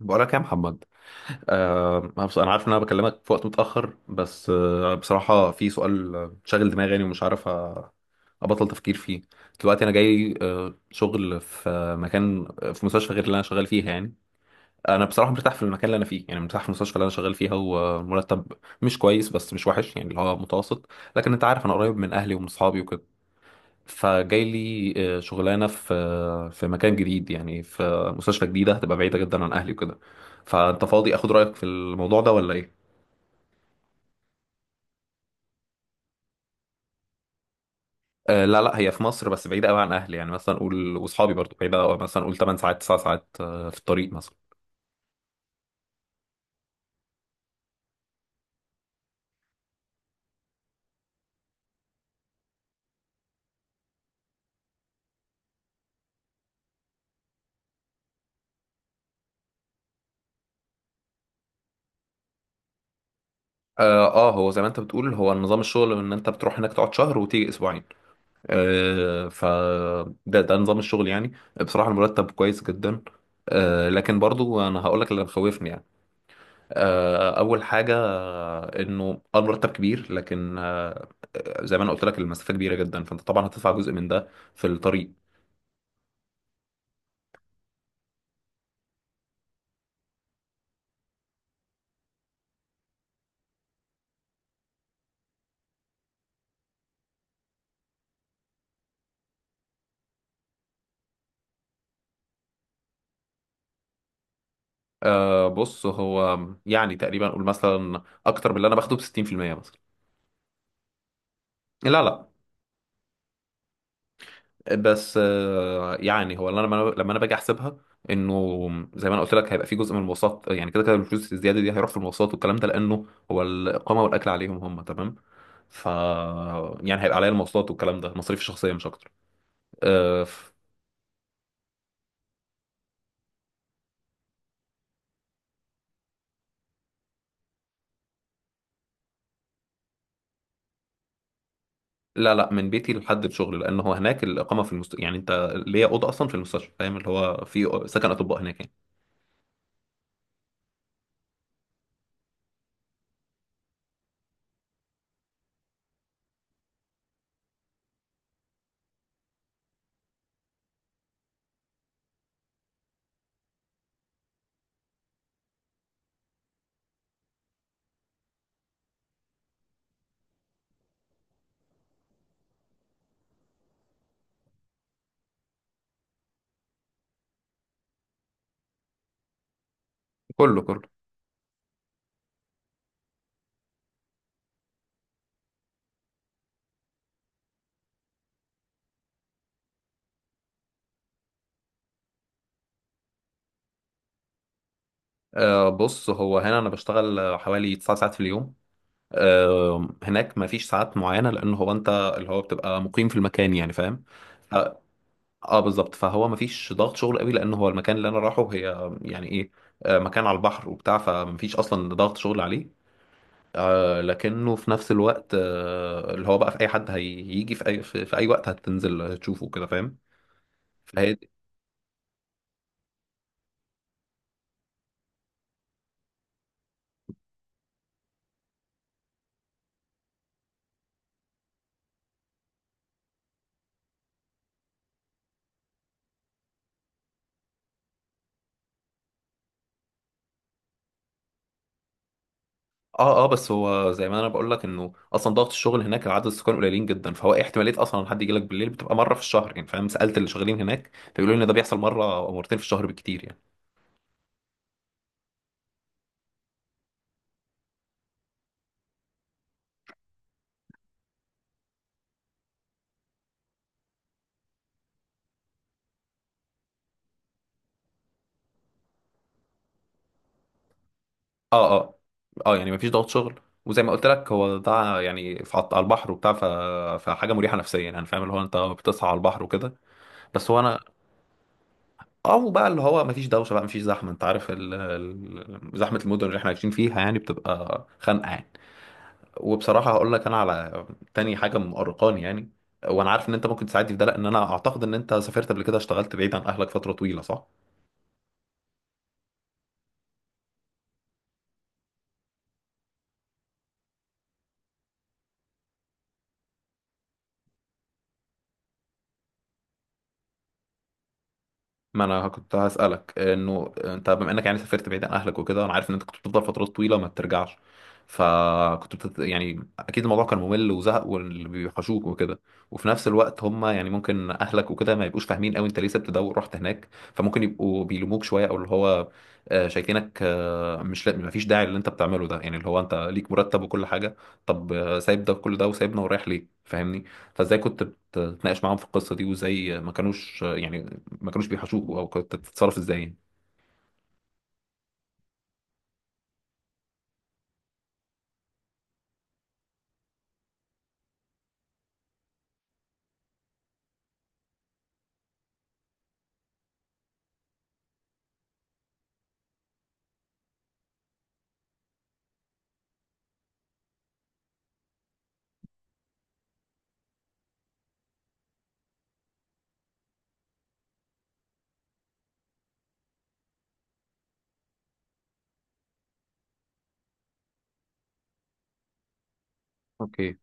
بقولك يا محمد. أنا عارف ان انا بكلمك في وقت متاخر، بس بصراحه في سؤال، شاغل دماغي يعني، ومش عارف، ابطل تفكير فيه. دلوقتي انا جاي شغل في مكان، في مستشفى غير اللي انا شغال فيها يعني. انا بصراحه مرتاح في المكان اللي انا فيه، يعني مرتاح في المستشفى اللي انا شغال فيها، ومرتب مش كويس بس مش وحش يعني، اللي هو متوسط. لكن انت عارف، انا قريب من اهلي ومن اصحابي، فجاي لي شغلانه في، في مكان جديد، يعني في مستشفى جديده هتبقى بعيده جدا عن اهلي وكده. فانت فاضي اخد رايك في الموضوع ده ولا ايه؟ لا لا، هي في مصر، بس بعيده قوي عن اهلي، يعني مثلا قول، واصحابي برضو بعيده أوي، مثلا قول 8 ساعات 9 ساعات في الطريق مثلا. هو زي ما انت بتقول، هو نظام الشغل ان انت بتروح هناك تقعد شهر وتيجي اسبوعين. آه ف ده نظام الشغل يعني. بصراحه المرتب كويس جدا، لكن برضو انا هقول لك اللي مخوفني يعني. اول حاجه، انه المرتب كبير، لكن زي ما انا قلت لك، المسافه كبيره جدا، فانت طبعا هتدفع جزء من ده في الطريق. بص، هو يعني تقريبا اقول مثلا اكتر من اللي انا باخده ب 60% مثلا. لا لا. بس يعني هو اللي انا لما انا باجي احسبها، انه زي ما انا قلت لك، هيبقى في جزء من المواصلات، يعني كده كده الفلوس الزياده دي هيروح في المواصلات والكلام ده، لانه هو الاقامه والاكل عليهم هم، تمام. ف يعني هيبقى عليا المواصلات والكلام ده، مصاريف الشخصيه مش اكتر. آه، لا لا، من بيتي لحد الشغل، لان هو هناك الاقامه في يعني انت ليا اوضه اصلا في المستشفى، فاهم؟ اللي هو في سكن اطباء هناك يعني. كله كله. بص، هو هنا انا بشتغل حوالي 9 ساعات في اليوم. هناك ما فيش ساعات معينه، لان هو انت اللي هو بتبقى مقيم في المكان يعني، فاهم؟ اه, بالظبط. فهو ما فيش ضغط شغل قوي، لان هو المكان اللي انا رايحه هي يعني ايه، مكان على البحر وبتاع، فما فيش اصلا ضغط شغل عليه. لكنه في نفس الوقت، اللي هو بقى في اي حد هيجي في اي وقت هتنزل تشوفه كده، فاهم؟ فهي دي- اه اه. بس هو زي ما انا بقول لك، انه اصلا ضغط الشغل هناك، العدد السكان قليلين جدا، فهو ايه، احتماليه اصلا ان حد يجي لك بالليل بتبقى مره في الشهر يعني، فاهم؟ سالت اللي شغالين هناك فيقولوا لي ان ده بيحصل مره او مرتين في الشهر بالكتير يعني. اه اه اه. يعني مفيش ضغط شغل، وزي ما قلت لك، هو ده يعني في على البحر وبتاع، فحاجه مريحه نفسيا يعني، فاهم؟ اللي هو انت بتصحى على البحر وكده. بس هو انا، او بقى اللي هو مفيش دوشه بقى، مفيش زحمه، انت عارف زحمه المدن اللي احنا عايشين فيها يعني بتبقى خانقه يعني. وبصراحه هقول لك انا على تاني حاجه مؤرقاني يعني، وانا عارف ان انت ممكن تساعدني في ده، لان انا اعتقد ان انت سافرت قبل كده، اشتغلت بعيد عن اهلك فتره طويله، صح؟ ما انا كنت هسألك انه انت بما انك يعني سافرت بعيد عن اهلك وكده، انا عارف ان انت كنت بتفضل فترات طويلة ما بترجعش. يعني اكيد الموضوع كان ممل وزهق واللي بيوحشوك وكده. وفي نفس الوقت هم يعني ممكن اهلك وكده ما يبقوش فاهمين قوي انت ليه سبت ده ورحت هناك، فممكن يبقوا بيلوموك شوية، او اللي هو شايفينك مش، لا، ما فيش داعي اللي انت بتعمله ده، يعني اللي هو انت ليك مرتب وكل حاجة، طب سايب ده وكل ده وسايبنا ورايح ليه، فاهمني؟ فازاي كنت بتتناقش معاهم في القصة دي، وازاي ما كانوش، يعني ما كانوش بيحاسبوه، او كنت تتصرف ازاي يعني. اوكي.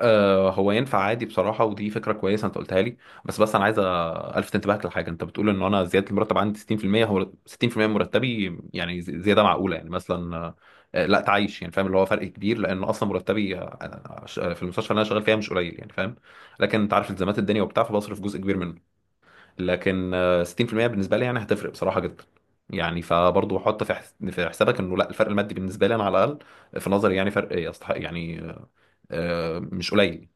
هو ينفع عادي بصراحة، ودي فكرة كويسة انت قلتها لي. بس انا عايز الفت انتباهك لحاجة. انت بتقول ان انا زيادة المرتب عندي 60%. هو 60% من مرتبي يعني، زيادة معقولة يعني مثلا، لا تعيش يعني، فاهم؟ اللي هو فرق كبير، لان اصلا مرتبي، في المستشفى اللي انا شغال فيها مش قليل يعني، فاهم؟ لكن انت عارف التزامات الدنيا وبتاع، فبصرف جزء كبير منه. لكن 60% بالنسبه لي يعني هتفرق بصراحه جدا يعني. فبرضه حط في حسابك، انه لا، الفرق المادي بالنسبه لي انا، على الاقل في نظري، يعني فرق يستحق يعني، مش قليل.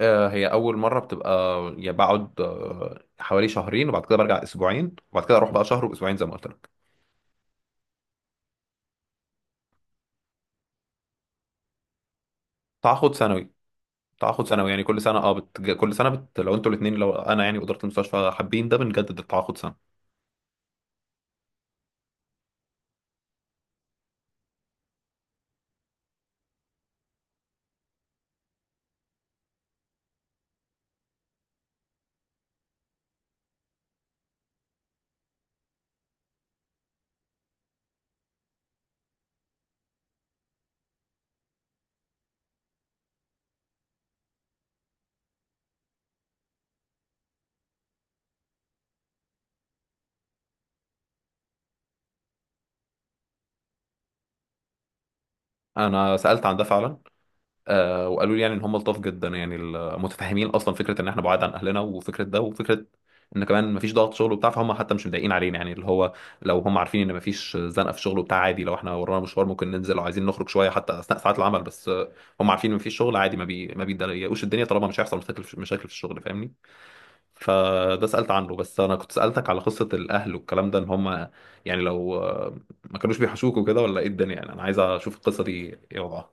هي اول مره، بتبقى يعني بقعد حوالي شهرين، وبعد كده برجع اسبوعين، وبعد كده اروح بقى شهر واسبوعين زي ما قلت لك. تعاقد سنوي. تعاقد سنوي، يعني كل سنه لو انتوا الاثنين، لو انا يعني واداره المستشفى حابين، ده بنجدد التعاقد سنه. انا سالت عن ده فعلا. وقالوا لي يعني ان هم لطاف جدا يعني، متفهمين اصلا فكره ان احنا بعاد عن اهلنا، وفكره ده، وفكره ان كمان مفيش ضغط شغل وبتاع، فهم حتى مش مضايقين علينا يعني. اللي هو لو هم عارفين ان مفيش زنقه في الشغل وبتاع، عادي لو احنا ورانا مشوار ممكن ننزل، لو عايزين نخرج شويه حتى اثناء ساعات العمل، بس هم عارفين ان مفيش شغل، عادي، ما بيضايقوش الدنيا، طالما مش هيحصل مشاكل في الشغل، فاهمني؟ فده سالت عنه. بس انا كنت سالتك على قصه الاهل والكلام ده، ان هم يعني لو ما كانوش بيحشوك وكده، ولا ايه الدنيا يعني، انا عايز اشوف القصه دي ايه وضعها.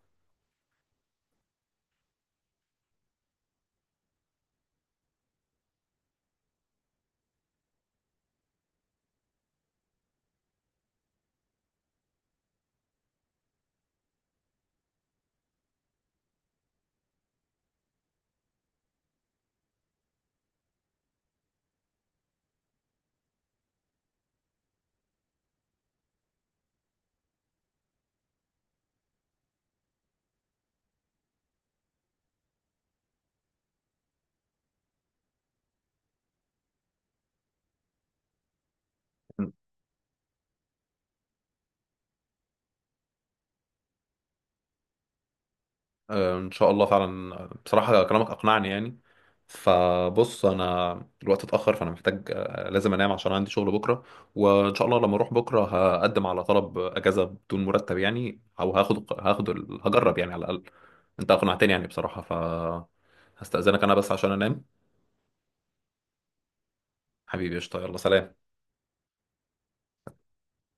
ان شاء الله فعلا. بصراحة كلامك اقنعني يعني. فبص انا، الوقت اتأخر، فانا محتاج، لازم انام عشان عندي شغل بكرة. وان شاء الله لما اروح بكرة، هقدم على طلب اجازة بدون مرتب يعني، او هاخد هجرب يعني على الاقل. انت اقنعتني يعني بصراحة. ف هستأذنك انا، بس عشان انام. حبيبي قشطة، يلا سلام.